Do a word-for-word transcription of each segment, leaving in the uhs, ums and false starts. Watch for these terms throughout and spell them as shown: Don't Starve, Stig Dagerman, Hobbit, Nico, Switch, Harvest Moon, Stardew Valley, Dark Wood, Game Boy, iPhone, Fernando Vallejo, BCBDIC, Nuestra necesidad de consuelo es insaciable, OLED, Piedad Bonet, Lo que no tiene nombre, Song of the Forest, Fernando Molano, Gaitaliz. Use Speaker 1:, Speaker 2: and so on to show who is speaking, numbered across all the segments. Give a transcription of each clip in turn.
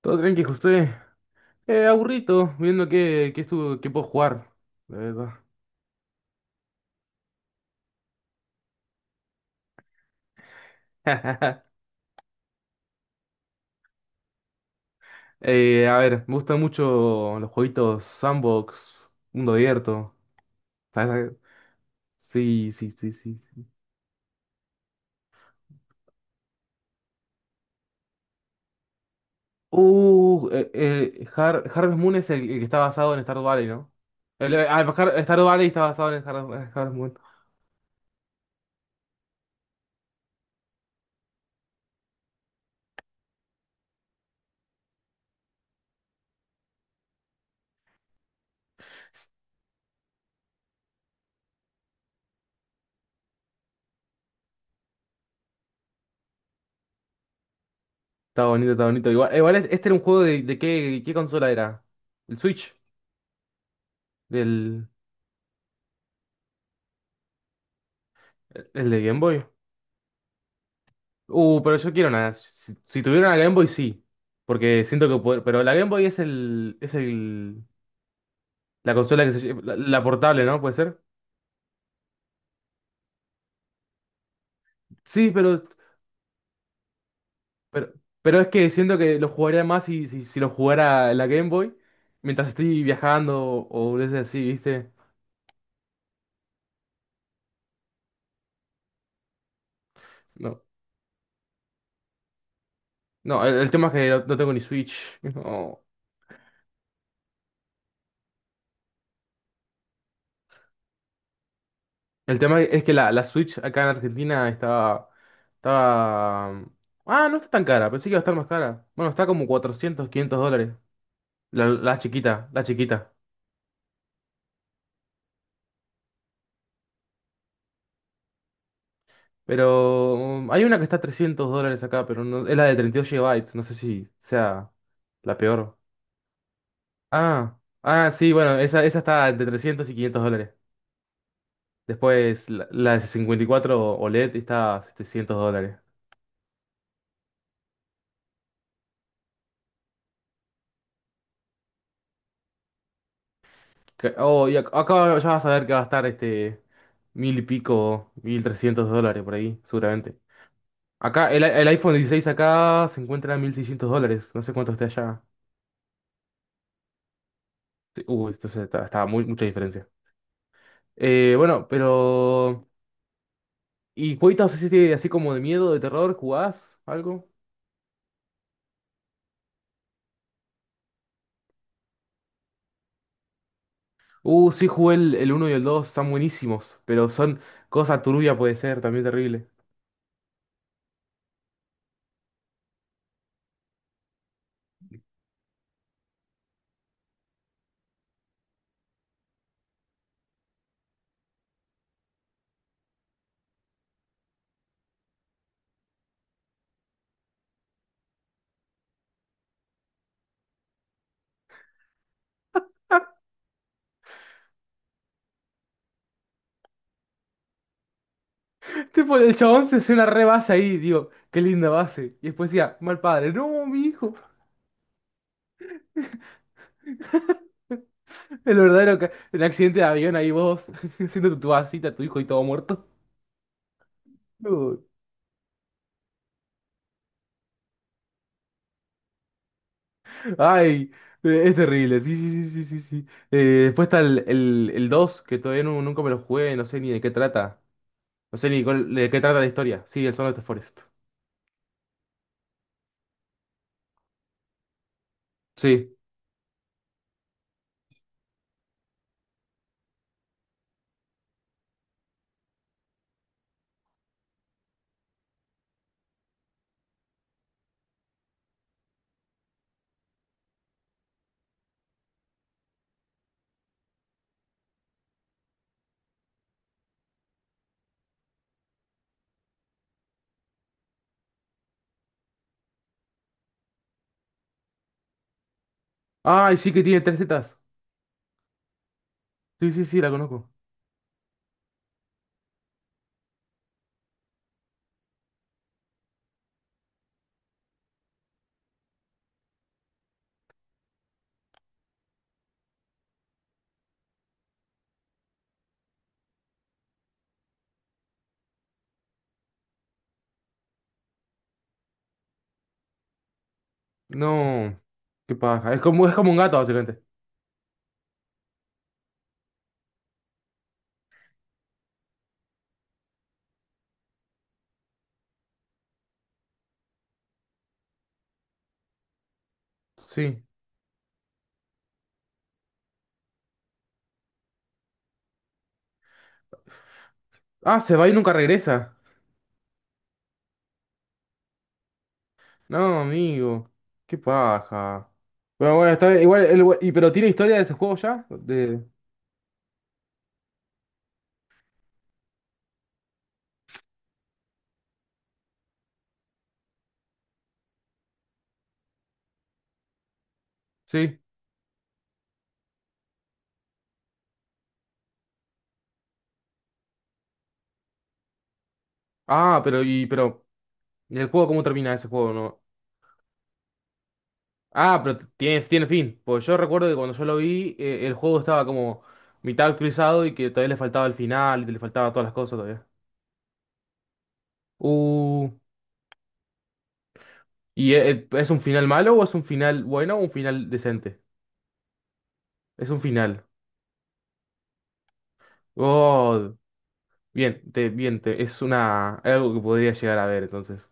Speaker 1: Todo tranqui, José. Eh, aburrito, viendo qué, qué, estuvo, qué puedo jugar, la verdad. Eh, a ver, me gustan mucho los jueguitos sandbox, mundo abierto. ¿Sabes? Sí, sí, sí, sí. Uh, eh, eh, Har- Harvest Moon es el, el que está basado en Stardew Valley, ¿no? El, eh, ah, Har- Stardew Valley está basado en Har- Harvest Moon. Está bonito, está bonito. Igual, igual es- este era un juego de, de qué, qué consola era. ¿El Switch? ¿Del, el el de Game Boy? Uh, pero yo quiero una. Si, si tuviera una Game Boy, sí. Porque siento que poder. Pero la Game Boy es el. Es el. La consola que se lle- La, la portable, ¿no? ¿Puede ser? Sí, pero. Pero, pero es que siento que lo jugaría más si, si, si lo jugara en la Game Boy. Mientras estoy viajando o boludeces así, ¿viste? No. No, el, el tema es que no, no tengo ni Switch. No. El tema es que la, la Switch acá en Argentina estaba. Estaba. Ah, no está tan cara. Pensé que iba a estar más cara. Bueno, está como cuatrocientos quinientos dólares. La, la chiquita, la chiquita. Pero um, hay una que está a trescientos dólares acá, pero no, es la de treinta y dos gigabytes. No sé si sea la peor. Ah, ah, sí, bueno, esa, esa está entre trescientos y quinientos dólares. Después la, la de cincuenta y cuatro OLED está a setecientos dólares. Que- Oh, y ac- acá ya vas a ver que va a estar este mil y pico, mil trescientos dólares por ahí, seguramente. Acá el, el iPhone dieciséis acá se encuentra a mil seiscientos dólares. No sé cuánto esté allá. Sí, uy, entonces está, está muy, mucha diferencia. Eh, bueno, pero... ¿Y jueguitos así, de- así como de miedo, de terror? ¿Jugás algo? Uh, sí, jugué el, el uno y el dos están buenísimos, pero son cosa turbia puede ser, también terrible. Tipo, el chabón se hace una re base ahí, digo, qué linda base. Y después decía, mal padre, no, mi hijo. El verdadero, ca- el accidente de avión ahí vos, haciendo tu, tu vasita, tu hijo y todo muerto. No. Ay, eh, es terrible, sí, sí, sí, sí, sí, sí. Eh, después está el, el, el dos que todavía nu- nunca me lo jugué, no sé ni de qué trata. No sé ni cuál- de qué trata la historia. Sí, el Song of the Forest. Sí. Ay, sí que tiene tres tetas. Sí, sí, sí, la conozco. No. Qué paja. Es como, es como un gato, básicamente. Sí. Ah, se va y nunca regresa. No, amigo. Qué paja. Bueno, bueno, está bien. Igual, el y, pero ¿tiene historia de ese juego ya? De... Sí. Ah, pero, y, pero. ¿Y el juego cómo termina ese juego, no? Ah, pero tiene, tiene fin. Pues yo recuerdo que cuando yo lo vi, eh, el juego estaba como mitad actualizado y que todavía le faltaba el final, y le faltaba todas las cosas todavía. Uh, ¿y e- e- es, un final malo o es un final bueno o un final decente? Es un final. Oh, bien, te, bien, te- es una, algo que podría llegar a ver entonces.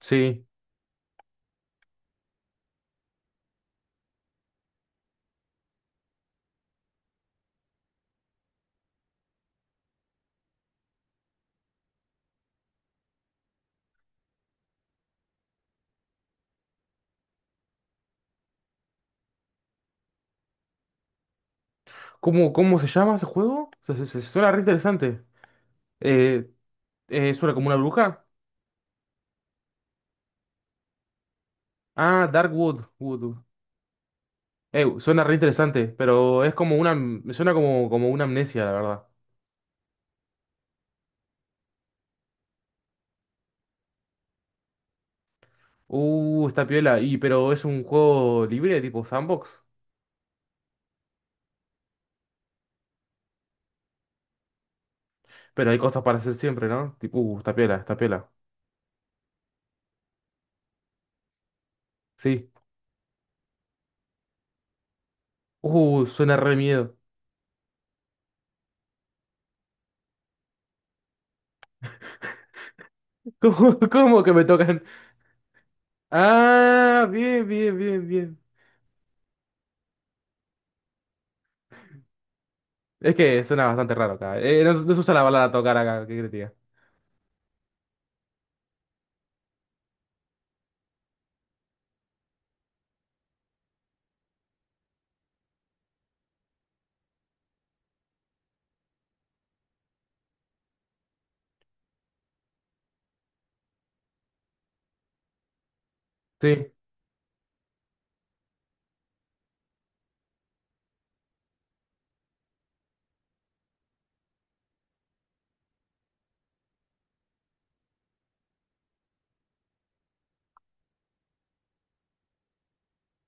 Speaker 1: Sí. ¿Cómo, cómo se llama ese juego? Se, se- se- suena re interesante. Eh, eh, ¿Suena como una bruja? Ah, Dark Wood. Eh, suena re interesante, pero es como una, me suena como, como una amnesia, la verdad. Uh, está piola. Y pero es un juego libre, tipo sandbox. Pero hay cosas para hacer siempre, ¿no? Tipo, uh, está piola, está piola. Sí. Uh, suena re miedo. ¿Cómo, cómo que me tocan? Ah, bien, bien, bien, bien. Es que suena bastante raro acá. Eh, no, no, se usa la bala a tocar acá, ¿qué querés que te diga? Sí,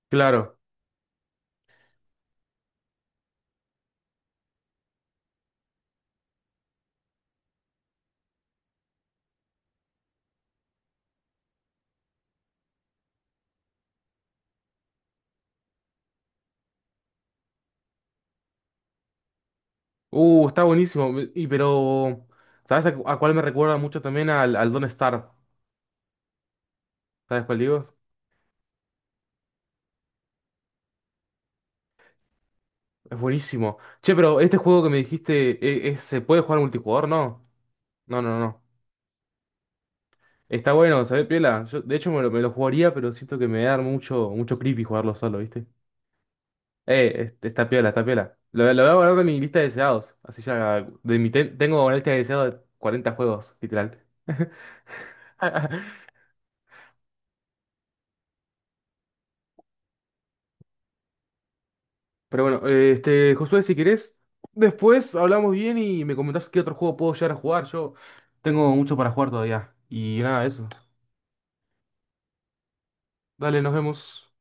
Speaker 1: claro. Uh, está buenísimo. Y pero, ¿sabes a, cu- a cuál me recuerda mucho también al, al Don't Starve? ¿Sabes cuál digo? Es buenísimo. Che, pero este juego que me dijiste, eh, es- ¿se puede jugar multijugador? No. No, no, no. Está bueno, ¿sabés, Piola? Yo, de hecho, me lo, me lo jugaría, pero siento que me da mucho, mucho creepy jugarlo solo, ¿viste? Eh, este- está piola, está piola. Lo, lo voy a guardar en mi lista de deseados. Así ya, de mi ten- tengo una lista de deseados de cuarenta juegos, literal. Pero bueno, eh, este, Josué, si querés, después hablamos bien y me comentás qué otro juego puedo llegar a jugar. Yo tengo mucho para jugar todavía. Y nada, eso. Dale, nos vemos.